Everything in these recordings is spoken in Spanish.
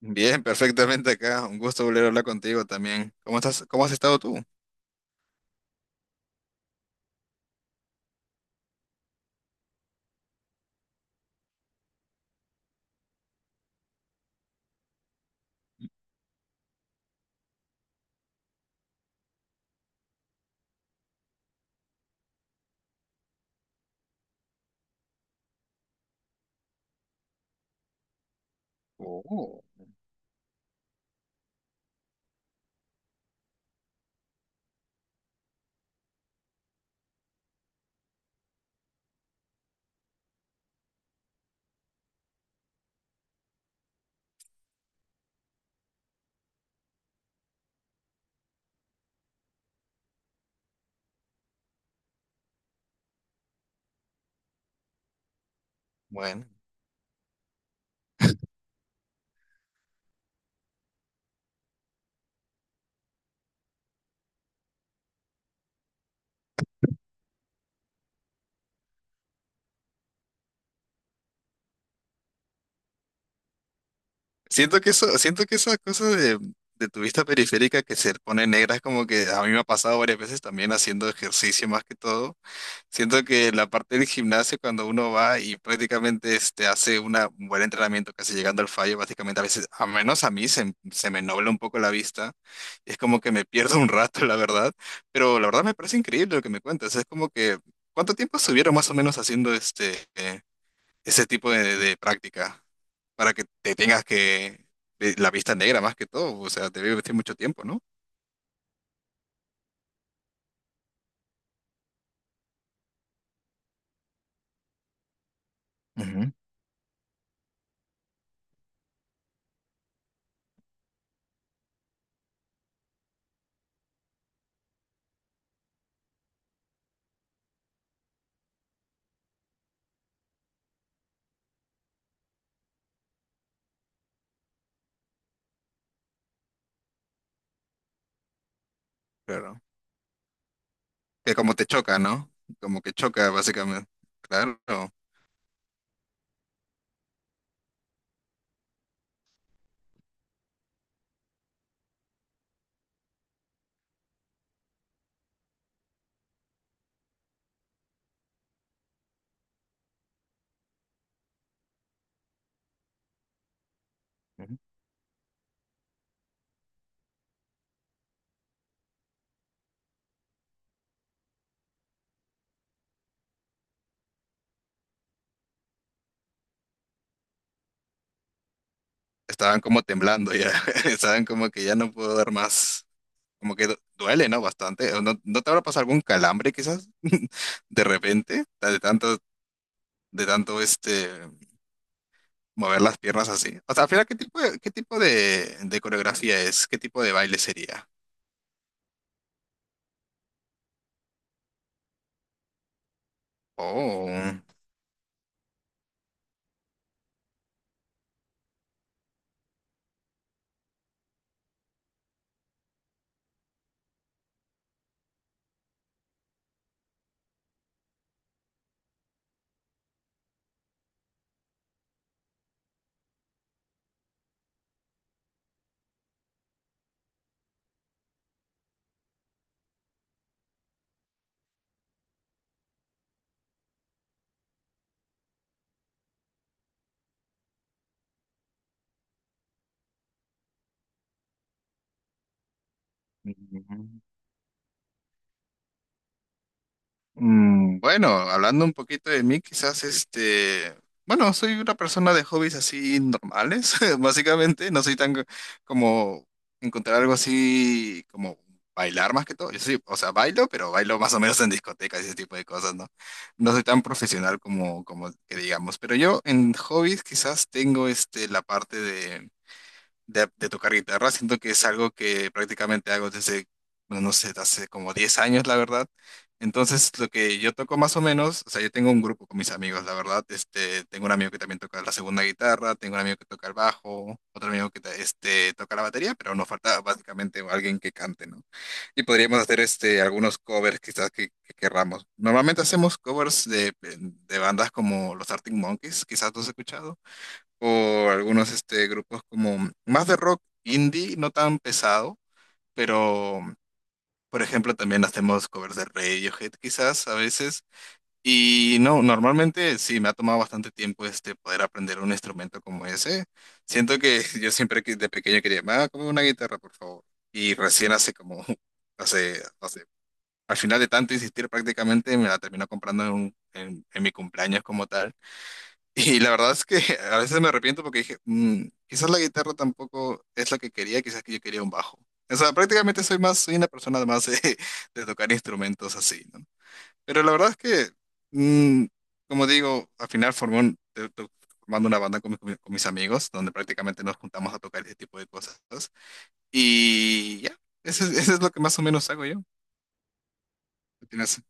Bien, perfectamente acá. Un gusto volver a hablar contigo también. ¿Cómo estás? ¿Cómo has estado tú? Oh, bueno. Siento que eso, siento que esa cosa de tu vista periférica que se pone negra es como que a mí me ha pasado varias veces también haciendo ejercicio más que todo. Siento que la parte del gimnasio, cuando uno va y prácticamente este, hace una, un buen entrenamiento, casi llegando al fallo, básicamente a veces, a menos a mí, se me nubla un poco la vista. Es como que me pierdo un rato, la verdad. Pero la verdad me parece increíble lo que me cuentas. Es como que, ¿cuánto tiempo estuvieron más o menos haciendo este, ese tipo de práctica para que te tengas que, de- la vista negra más que todo? O sea, te debe vestir mucho tiempo, ¿no? Ujú. Claro. Que como te choca, ¿no? Como que choca, básicamente. Claro. Ujú. Estaban como temblando ya, estaban como que ya no puedo dar más. Como que du- duele, ¿no? Bastante. ¿O ¿No, no te habrá pasado algún calambre quizás de repente? Ta- de tanto este, mover las piernas así. O sea, al final, qué tipo de coreografía es? ¿Qué tipo de baile sería? Oh. Bueno, hablando un poquito de mí, quizás este, bueno, soy una persona de hobbies así normales, básicamente, no soy tan co- como encontrar algo así como bailar más que todo. Yo soy, o sea, bailo, pero bailo más o menos en discotecas y ese tipo de cosas, ¿no? No soy tan profesional como como que digamos, pero yo en hobbies quizás tengo este la parte de tocar guitarra. Siento que es algo que prácticamente hago desde, bueno no sé, hace como 10 años, la verdad. Entonces, lo que yo toco más o menos, o sea, yo tengo un grupo con mis amigos, la verdad. Este, tengo un amigo que también toca la segunda guitarra, tengo un amigo que toca el bajo, otro amigo que ta- este, toca la batería, pero nos falta básicamente alguien que cante, ¿no? Y podríamos hacer este, algunos covers quizás que querramos. Normalmente hacemos covers de bandas como los Arctic Monkeys, quizás tú has escuchado o algunos este, grupos como más de rock indie, no tan pesado, pero por ejemplo también hacemos covers de Radiohead quizás a veces. Y no, normalmente sí, me ha tomado bastante tiempo este, poder aprender un instrumento como ese. Siento que yo siempre que de pequeño quería, ah, como una guitarra, por favor. Y recién hace como, hace, hace, al final de tanto insistir prácticamente me la terminó comprando en, un- en mi cumpleaños como tal. Y la verdad es que a veces me arrepiento porque dije, quizás la guitarra tampoco es la que quería, quizás que yo quería un bajo. O sea, prácticamente soy más, soy una persona más de, de tocar instrumentos así, ¿no? Pero la verdad es que, mm, como digo, al final formé un- te- te- formando una banda con, mi- con mi- con mis amigos, donde prácticamente nos juntamos a tocar ese tipo de cosas. Y ya, eso es lo que más o menos hago yo. Tienes-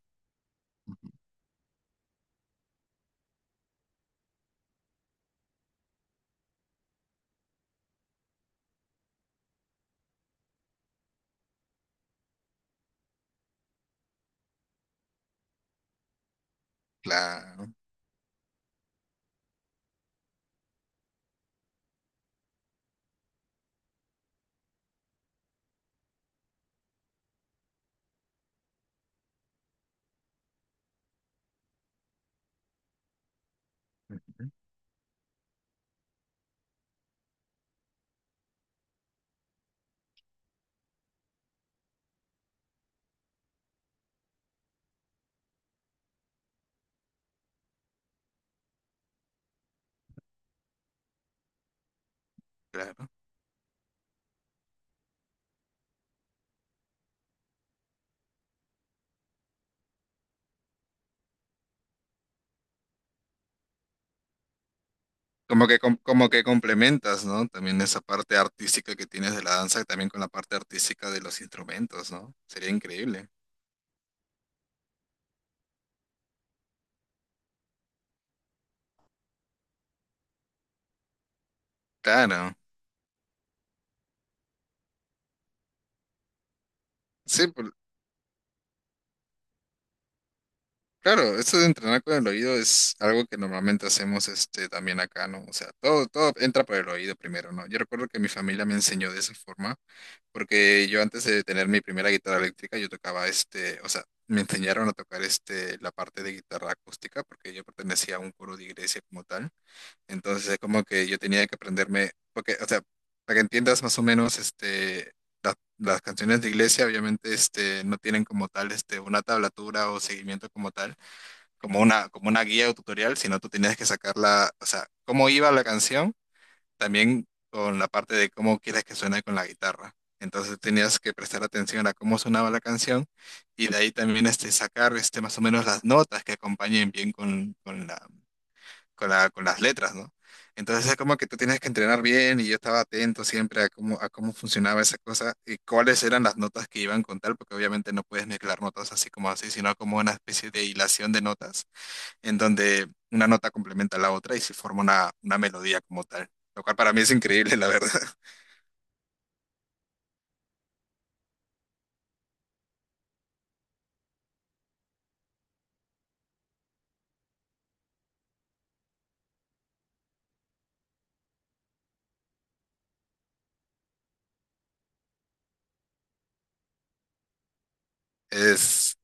Claro, claro. Como que, com- como que complementas, ¿no? También esa parte artística que tienes de la danza, también con la parte artística de los instrumentos, ¿no? Sería increíble. Claro. Sí, por- claro, eso de entrenar con el oído es algo que normalmente hacemos este, también acá, ¿no? O sea, todo, todo entra por el oído primero, ¿no? Yo recuerdo que mi familia me enseñó de esa forma, porque yo antes de tener mi primera guitarra eléctrica, yo tocaba este, o sea, me enseñaron a tocar este, la parte de guitarra acústica, porque yo pertenecía a un coro de iglesia como tal. Entonces es como que yo tenía que aprenderme, porque, o sea, para que entiendas más o menos, este, las canciones de iglesia obviamente, este, no tienen como tal, este, una tablatura o seguimiento como tal, como una guía o tutorial, sino tú tenías que sacarla, o sea, cómo iba la canción, también con la parte de cómo quieres que suene con la guitarra. Entonces tenías que prestar atención a cómo sonaba la canción y de ahí también este, sacar este, más o menos las notas que acompañen bien con la, con la, con las letras, ¿no? Entonces es como que tú tienes que entrenar bien y yo estaba atento siempre a cómo funcionaba esa cosa y cuáles eran las notas que iban con tal, porque obviamente no puedes mezclar notas así como así, sino como una especie de hilación de notas en donde una nota complementa a la otra y se forma una melodía como tal, lo cual para mí es increíble, la verdad. Es,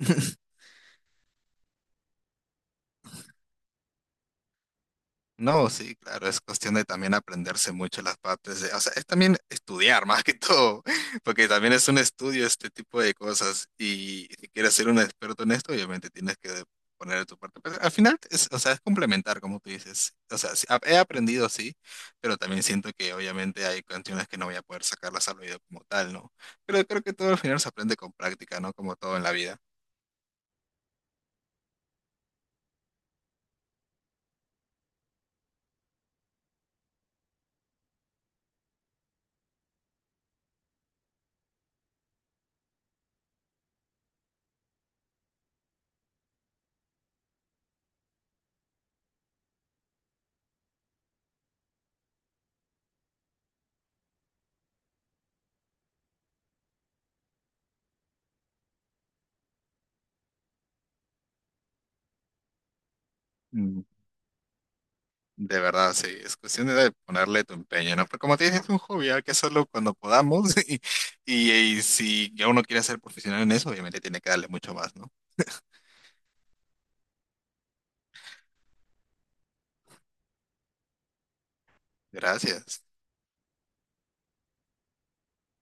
no, sí, claro, es cuestión de también aprenderse mucho las partes de, o sea, es también estudiar más que todo, porque también es un estudio este tipo de cosas y si quieres ser un experto en esto, obviamente tienes que poner de tu parte. Pero al final, es, o sea, es complementar, como tú dices. O sea, sí, he aprendido, sí, pero también siento que obviamente hay canciones que no voy a poder sacarlas al oído como tal, ¿no? Pero creo que todo al final se aprende con práctica, ¿no? Como todo en la vida. De verdad, sí, es cuestión de ponerle tu empeño, ¿no? Pero como te dije, es un hobby, hay que hacerlo cuando podamos y, y si ya uno quiere ser profesional en eso, obviamente tiene que darle mucho más, ¿no? Gracias.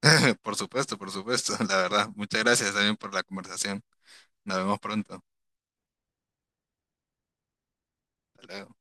Por supuesto, la verdad. Muchas gracias también por la conversación. Nos vemos pronto. Hasta luego.